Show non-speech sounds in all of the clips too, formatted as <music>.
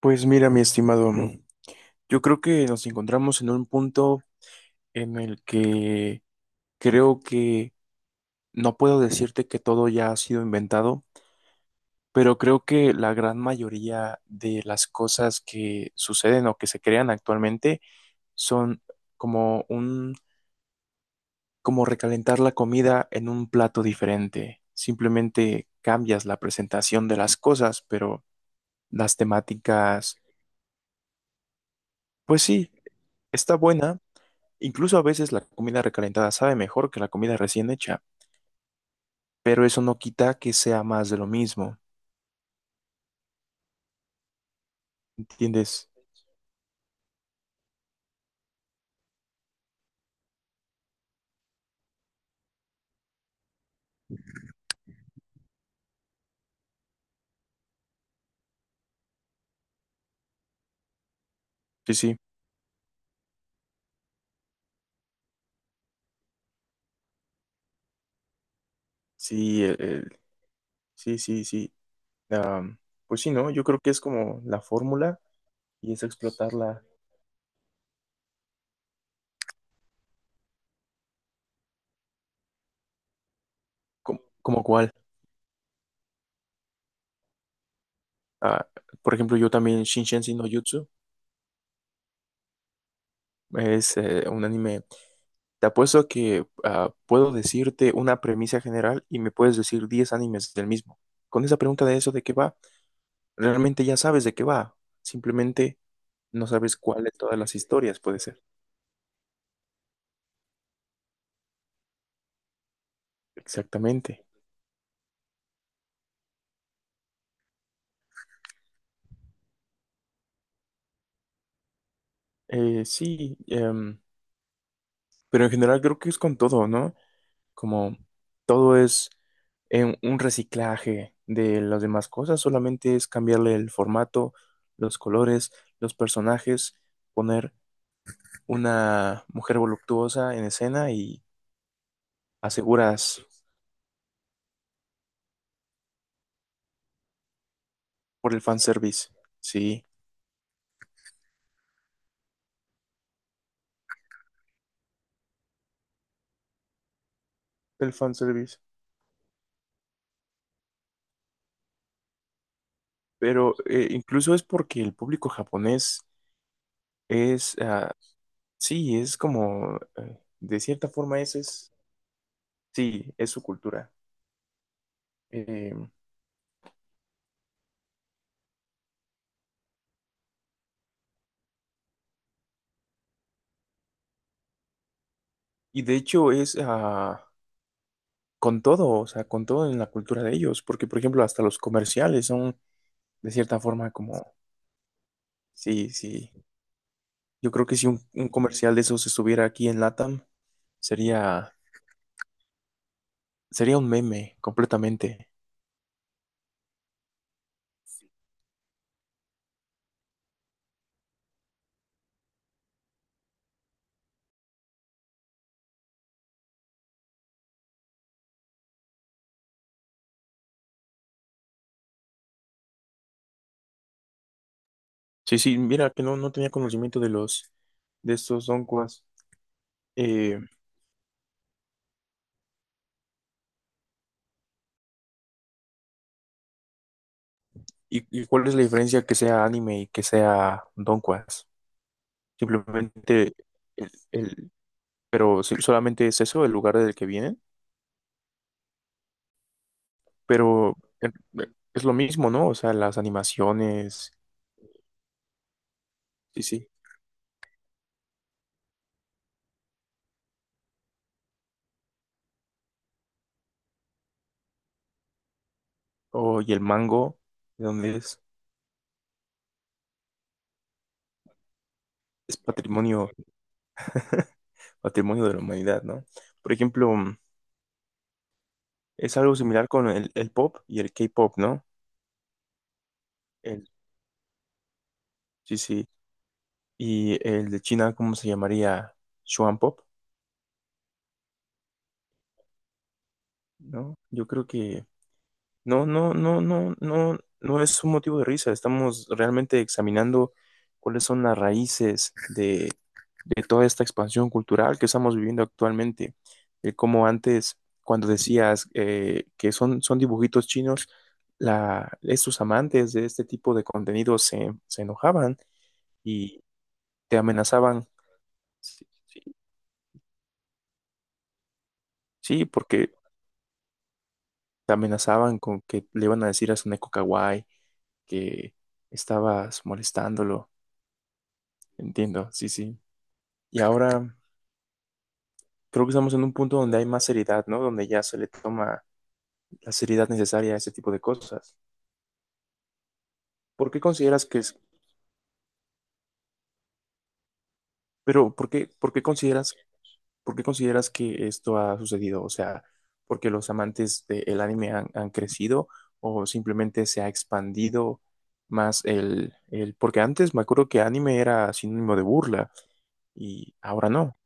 Pues mira, mi estimado, yo creo que nos encontramos en un punto en el que creo que no puedo decirte que todo ya ha sido inventado, pero creo que la gran mayoría de las cosas que suceden o que se crean actualmente son como un, como recalentar la comida en un plato diferente. Simplemente cambias la presentación de las cosas, pero las temáticas, pues sí, está buena. Incluso a veces la comida recalentada sabe mejor que la comida recién hecha, pero eso no quita que sea más de lo mismo, ¿entiendes? Sí, sí, sí, sí, sí, sí. Am, pues sí, ¿no? Yo creo que es como la fórmula, y es explotarla como, como cuál. Ah, por ejemplo, yo también Shinshensin no Jutsu es un anime. Te apuesto que ah, puedo decirte una premisa general y me puedes decir 10 animes del mismo. Con esa pregunta de eso de qué va, realmente ya sabes de qué va. Simplemente no sabes cuál de todas las historias puede ser. Exactamente. Sí, pero en general creo que es con todo, ¿no? Como todo es un reciclaje de las demás cosas, solamente es cambiarle el formato, los colores, los personajes, poner una mujer voluptuosa en escena y aseguras por el fanservice. Sí, el fanservice. Pero incluso es porque el público japonés es, ah, sí, es como, de cierta forma, eso es, sí, es su cultura. Eh, y de hecho es ah, con todo, o sea, con todo en la cultura de ellos, porque, por ejemplo, hasta los comerciales son, de cierta forma, como, sí, sí. Yo creo que si un comercial de esos estuviera aquí en LATAM, sería, sería un meme completamente. Sí, sí, mira que no, no tenía conocimiento de los, de estos donquas. Eh, ¿y cuál es la diferencia que sea anime y que sea donquas? Simplemente, el, el- pero sí, solamente es eso, el lugar del que vienen, pero eh, eh, es lo mismo, ¿no? O sea, las animaciones, sí, sí. Oh, y el mango, ¿de dónde es? Es patrimonio, <laughs> patrimonio de la humanidad, ¿no? Por ejemplo, mm, es algo similar con el pop y el K-pop, ¿no? El, sí, sí. Y el de China, ¿cómo se llamaría? Shuan Pop, ¿no? Yo creo que no, no, no, no, no, no es un motivo de risa. Estamos realmente examinando cuáles son las raíces de toda esta expansión cultural que estamos viviendo actualmente. Como antes, cuando decías que son, son dibujitos chinos, la, estos amantes de este tipo de contenido se enojaban y te amenazaban. Sí, sí, sí, porque te amenazaban con que le iban a decir a su neko kawaii que estabas molestándolo. Entiendo, sí, sí. Y ahora creo que estamos en un punto donde hay más seriedad, ¿no? Donde ya se le toma la seriedad necesaria a ese tipo de cosas. ¿Por qué consideras que es, pero por qué consideras que esto ha sucedido? O sea, ¿porque los amantes del anime han, han crecido o simplemente se ha expandido más porque antes me acuerdo que anime era sinónimo de burla y ahora no.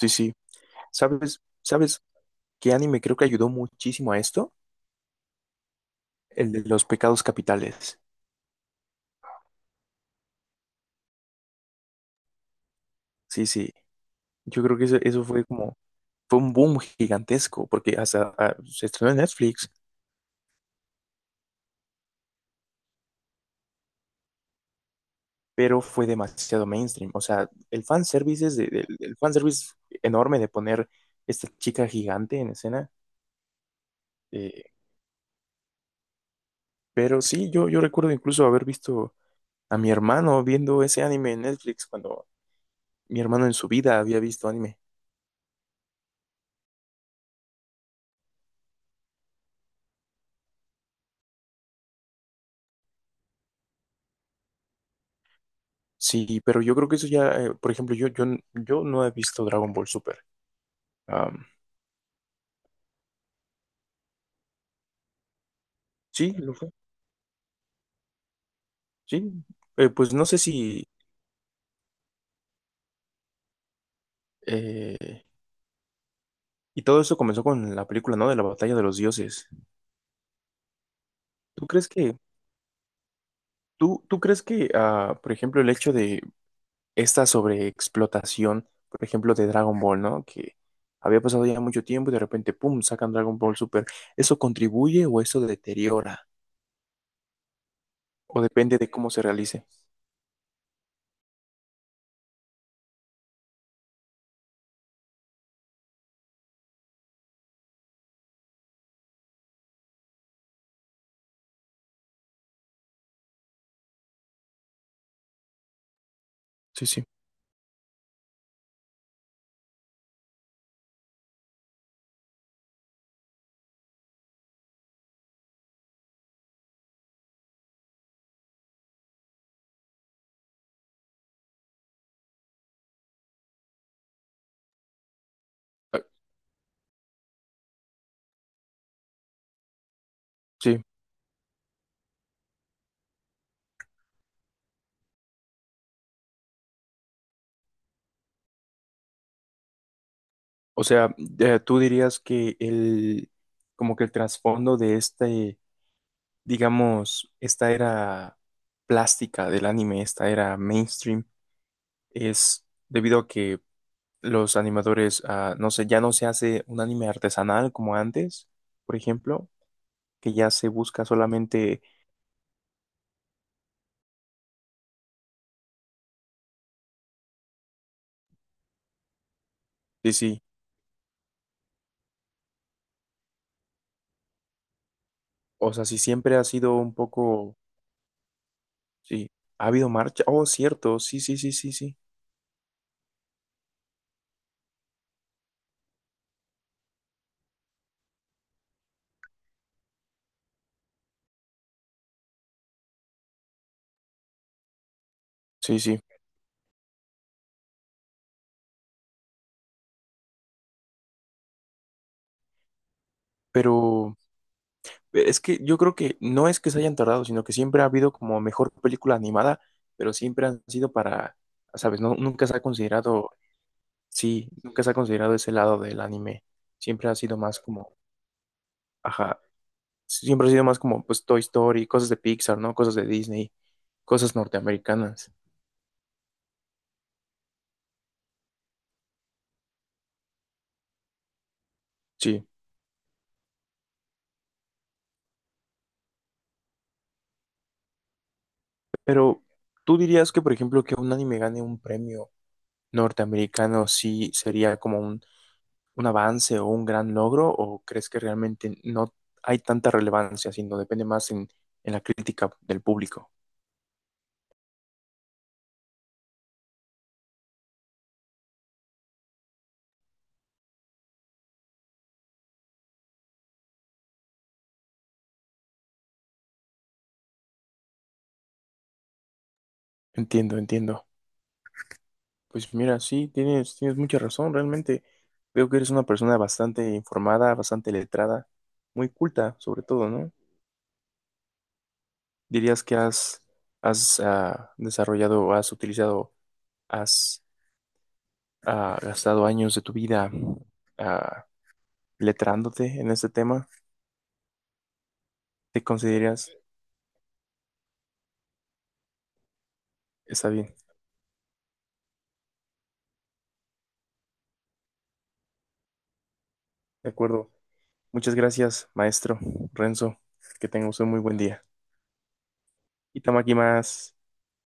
Sí, sí. ¿Sabes, sabes qué anime creo que ayudó muchísimo a esto? El de los pecados capitales. Sí, sí. Yo creo que eso fue como, fue un boom gigantesco, porque hasta ah, se estrenó en Netflix, pero fue demasiado mainstream. O sea, el fanservice es el fanservice enorme de poner esta chica gigante en escena. Eh, pero sí, yo recuerdo incluso haber visto a mi hermano viendo ese anime en Netflix cuando mi hermano en su vida había visto anime. Sí, pero yo creo que eso ya, por ejemplo, yo no he visto Dragon Ball Super. Am, sí, lo sí, pues no sé si... eh, y todo eso comenzó con la película, ¿no? De la batalla de los dioses. ¿Tú crees que... ¿Tú crees que, ah, por ejemplo, el hecho de esta sobreexplotación, por ejemplo, de Dragon Ball, ¿no? Que había pasado ya mucho tiempo y de repente, ¡pum!, sacan Dragon Ball Super. ¿Eso contribuye o eso deteriora? O depende de cómo se realice. Sí, sí. Ah, sí. O sea, tú dirías que el... como que el trasfondo de este digamos, esta era plástica del anime, esta era mainstream, es debido a que los animadores, ah, no sé, ya no se hace un anime artesanal como antes, por ejemplo, que ya se busca solamente, sí, sí, o sea, si siempre ha sido un poco, sí, ha habido marcha, oh, cierto, sí, sí, sí, sí, sí, sí, sí, pero... Es que yo creo que no es que se hayan tardado, sino que siempre ha habido como mejor película animada, pero siempre han sido para, ¿sabes? No, nunca se ha considerado, sí, nunca se ha considerado ese lado del anime. Siempre ha sido más como, ajá, siempre ha sido más como pues Toy Story, cosas de Pixar, ¿no? Cosas de Disney, cosas norteamericanas. Sí, pero ¿tú dirías que, por ejemplo, que un anime gane un premio norteamericano sí sería como un avance o un gran logro o crees que realmente no hay tanta relevancia, sino depende más en la crítica del público? Entiendo, entiendo. Pues mira, sí, tienes, tienes mucha razón, realmente veo que eres una persona bastante informada, bastante letrada, muy culta sobre todo, ¿no? ¿Dirías que has, has desarrollado, has utilizado, has gastado años de tu vida ah, letrándote en este tema? ¿Te consideras, está bien, de acuerdo? Muchas gracias, maestro Renzo. Que tenga usted un muy buen día. Y más.